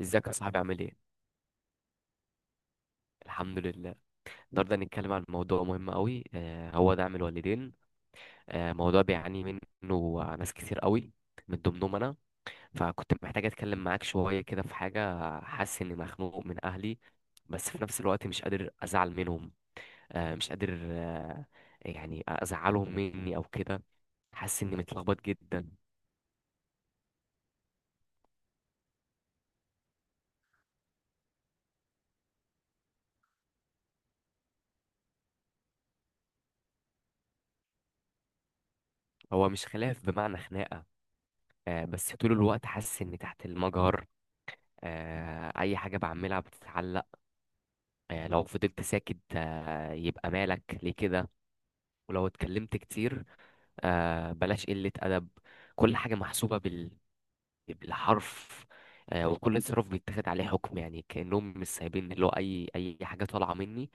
ازيك يا صاحبي، عامل ايه؟ الحمد لله. النهارده هنتكلم عن موضوع مهم قوي، هو دعم الوالدين. موضوع بيعاني منه ناس كتير قوي، من ضمنهم انا. فكنت محتاج اتكلم معاك شويه كده في حاجه، حاسس اني مخنوق من اهلي، بس في نفس الوقت مش قادر ازعل منهم. مش قادر يعني ازعلهم مني او كده. حاسس اني متلخبط جدا. هو مش خلاف بمعنى خناقه، بس طول الوقت حاسس اني تحت المجهر. اي حاجه بعملها بتتعلق، يعني لو فضلت ساكت، يبقى مالك ليه كده، ولو اتكلمت كتير، بلاش قلة أدب. كل حاجة محسوبة بالحرف. وكل تصرف بيتاخد عليه حكم، يعني كأنهم مش سايبين اللي هو أي حاجة طالعة مني،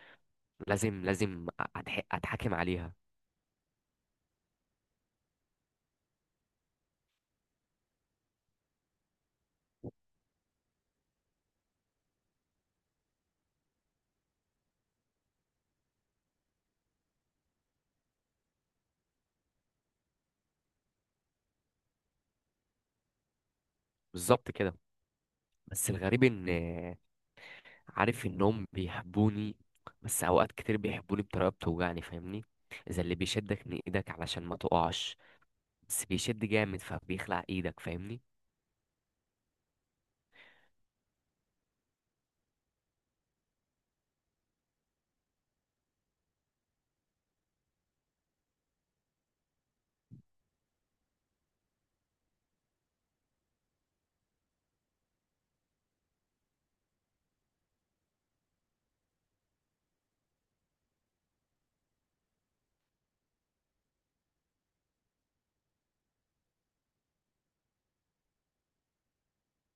لازم أتحاكم عليها. بالظبط كده. بس الغريب إن، عارف إنهم بيحبوني، بس أوقات كتير بيحبوني بطريقة بتوجعني، فاهمني؟ إذا اللي بيشدك من إيدك علشان ما تقعش، بس بيشد جامد فبيخلع إيدك، فاهمني؟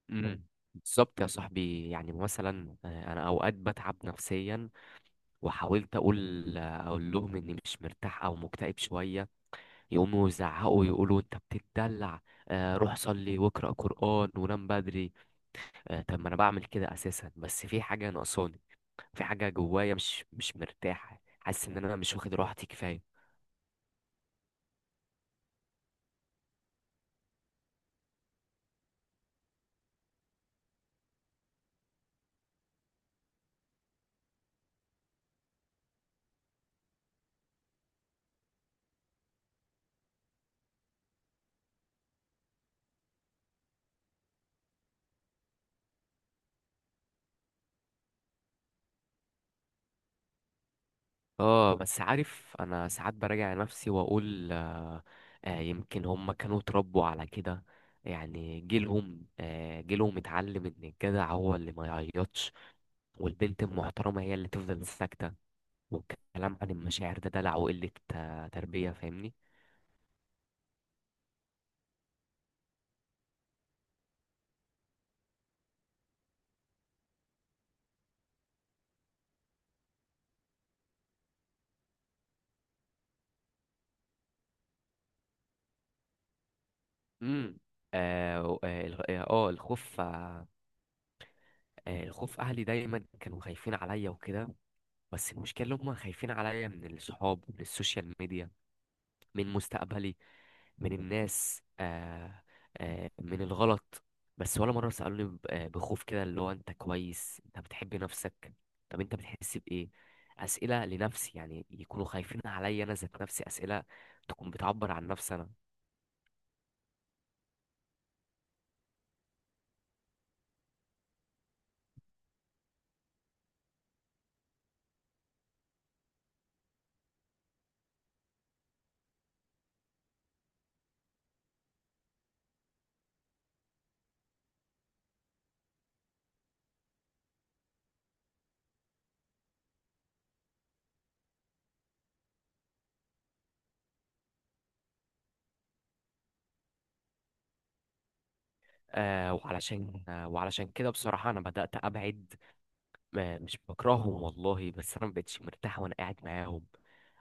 مم. بالظبط يا صاحبي. يعني مثلا، انا اوقات بتعب نفسيا، وحاولت اقول لهم اني مش مرتاح او مكتئب شويه، يقوموا يزعقوا يقولوا انت بتتدلع. روح صلي واقرا قران ونام بدري. طب ما انا بعمل كده اساسا، بس في حاجه ناقصاني، في حاجه جوايا مش مرتاحه. حاسس ان انا مش واخد راحتي كفايه. اه، بس عارف انا ساعات براجع نفسي واقول يمكن هم كانوا اتربوا على كده. يعني جيلهم اتعلم ان الجدع هو اللي ما يعيطش، والبنت المحترمة هي اللي تفضل ساكتة، والكلام عن المشاعر ده دلع وقلة، تربية، فاهمني؟ امم. الخوف الخوف، اهلي دايما كانوا خايفين عليا وكده، بس المشكلة هم خايفين عليا من الصحاب، من السوشيال ميديا، من مستقبلي، من الناس من الغلط. بس ولا مرة سألوني بخوف كده، اللي هو انت كويس، انت بتحب نفسك؟ طب انت بتحس بإيه؟ أسئلة لنفسي، يعني يكونوا خايفين عليا أنا ذات نفسي، أسئلة تكون بتعبر عن نفسي أنا. وعلشان كده بصراحة أنا بدأت أبعد. مش بكرههم والله، بس أنا مبقتش مرتاح وأنا قاعد معاهم،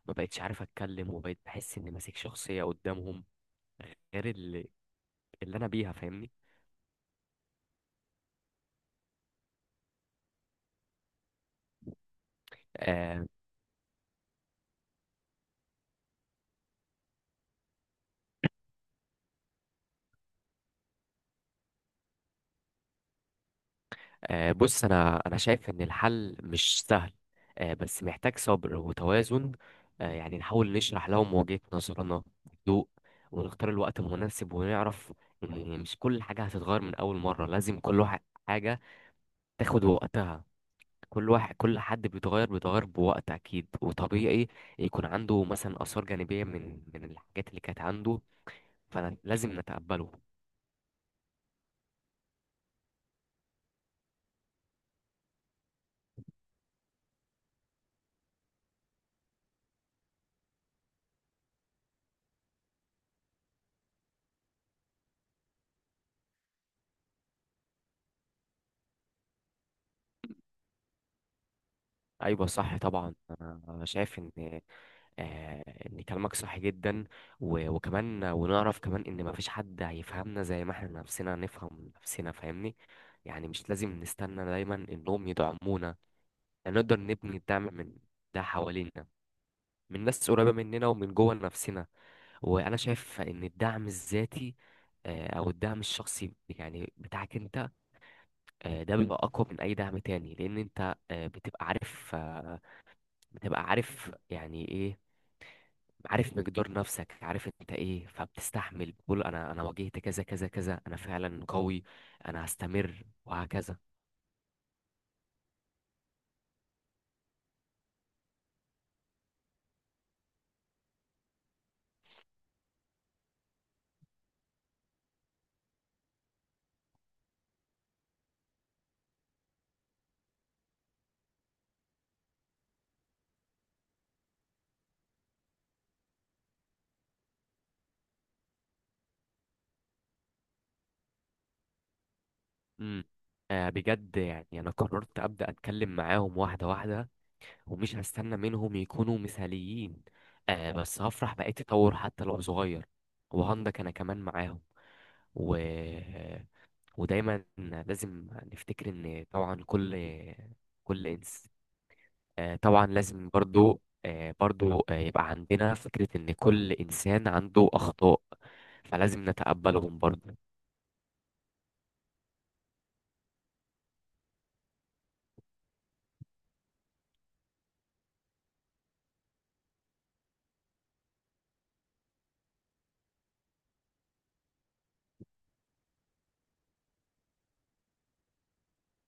مبقتش عارف أتكلم، وبقيت بحس إني ماسك شخصية قدامهم غير اللي أنا بيها، فاهمني؟ آه، بص، انا شايف ان الحل مش سهل، بس محتاج صبر وتوازن. يعني نحاول نشرح لهم وجهة نظرنا بهدوء، ونختار الوقت المناسب، ونعرف ان مش كل حاجة هتتغير من اول مرة. لازم كل واحد، حاجة، تاخد وقتها. كل حد بيتغير بوقت، اكيد وطبيعي يكون عنده مثلا اثار جانبية من الحاجات اللي كانت عنده، فلازم نتقبله. ايوه صح طبعا. أنا شايف ان كلامك صح جدا. وكمان ونعرف كمان ان مفيش حد هيفهمنا زي ما احنا نفسنا نفهم نفسنا، فاهمني؟ يعني مش لازم نستنى دايما انهم يدعمونا. يعني نقدر نبني الدعم من ده حوالينا، من ناس قريبة مننا ومن جوه نفسنا. وانا شايف ان الدعم الذاتي، او الدعم الشخصي يعني بتاعك انت، ده بيبقى اقوى من اي دعم تاني، لان انت بتبقى عارف يعني ايه. عارف مقدار نفسك، عارف انت ايه، فبتستحمل، بتقول انا واجهت كذا كذا كذا، انا فعلا قوي، انا هستمر وهكذا. امم. بجد، يعني انا قررت ابدا اتكلم معاهم واحده واحده، ومش هستنى منهم يكونوا مثاليين. بس هفرح باي تطور حتى لو صغير، وهندك انا كمان معاهم، و... آه، ودايما لازم نفتكر ان طبعا كل انسان، طبعا لازم برضو، يبقى عندنا فكرة إن كل إنسان عنده أخطاء، فلازم نتقبلهم برضو.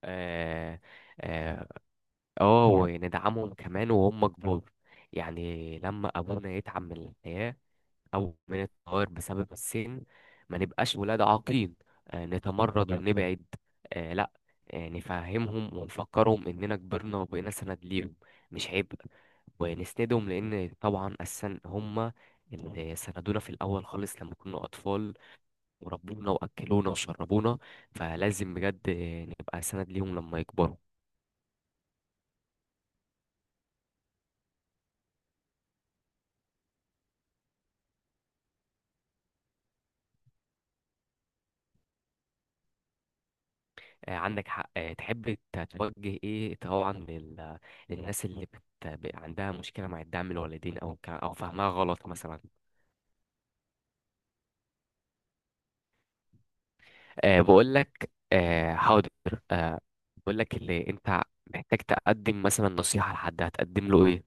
آه آه وندعمهم كمان وهم كبار. يعني لما أبونا يتعب من الحياة، أو من التغير بسبب السن، ما نبقاش ولاد عاقين، نتمرد ونبعد. لا، نفهمهم ونفكرهم إننا كبرنا وبقينا سند ليهم، مش عيب، ونسندهم، لان طبعا اساسا هم اللي سندونا في الاول خالص لما كنا اطفال، وربونا واكلونا وشربونا. فلازم بجد نبقى سند ليهم لما يكبروا. عندك حق. تحب توجه ايه طبعا للناس اللي عندها مشكله مع الدعم الوالدين، او فهمها غلط مثلا؟ أه، بقول لك. أه، حاضر. أه، بقول لك، اللي انت محتاج تقدم مثلا نصيحه لحد، هتقدم له ايه؟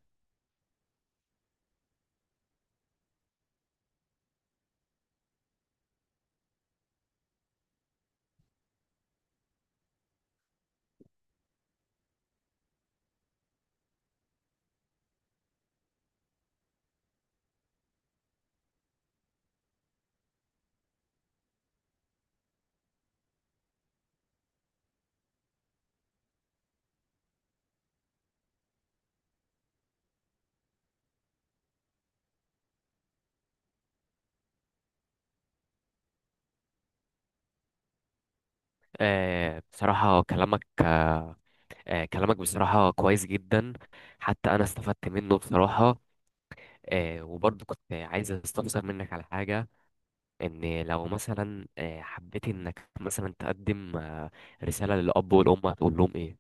أه، بصراحه كلامك بصراحة كويس جدا، حتى أنا استفدت منه بصراحة. وبرضه كنت عايز أستفسر منك على حاجة، إن لو مثلا، حبيت إنك مثلا تقدم، رسالة للأب والأم، هتقول لهم إيه؟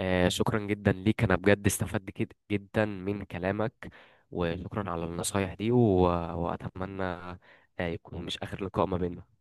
شكرا جدا ليك، أنا بجد استفدت جدا من كلامك، وشكرا على النصايح دي، وأتمنى، يكون مش آخر لقاء ما بيننا.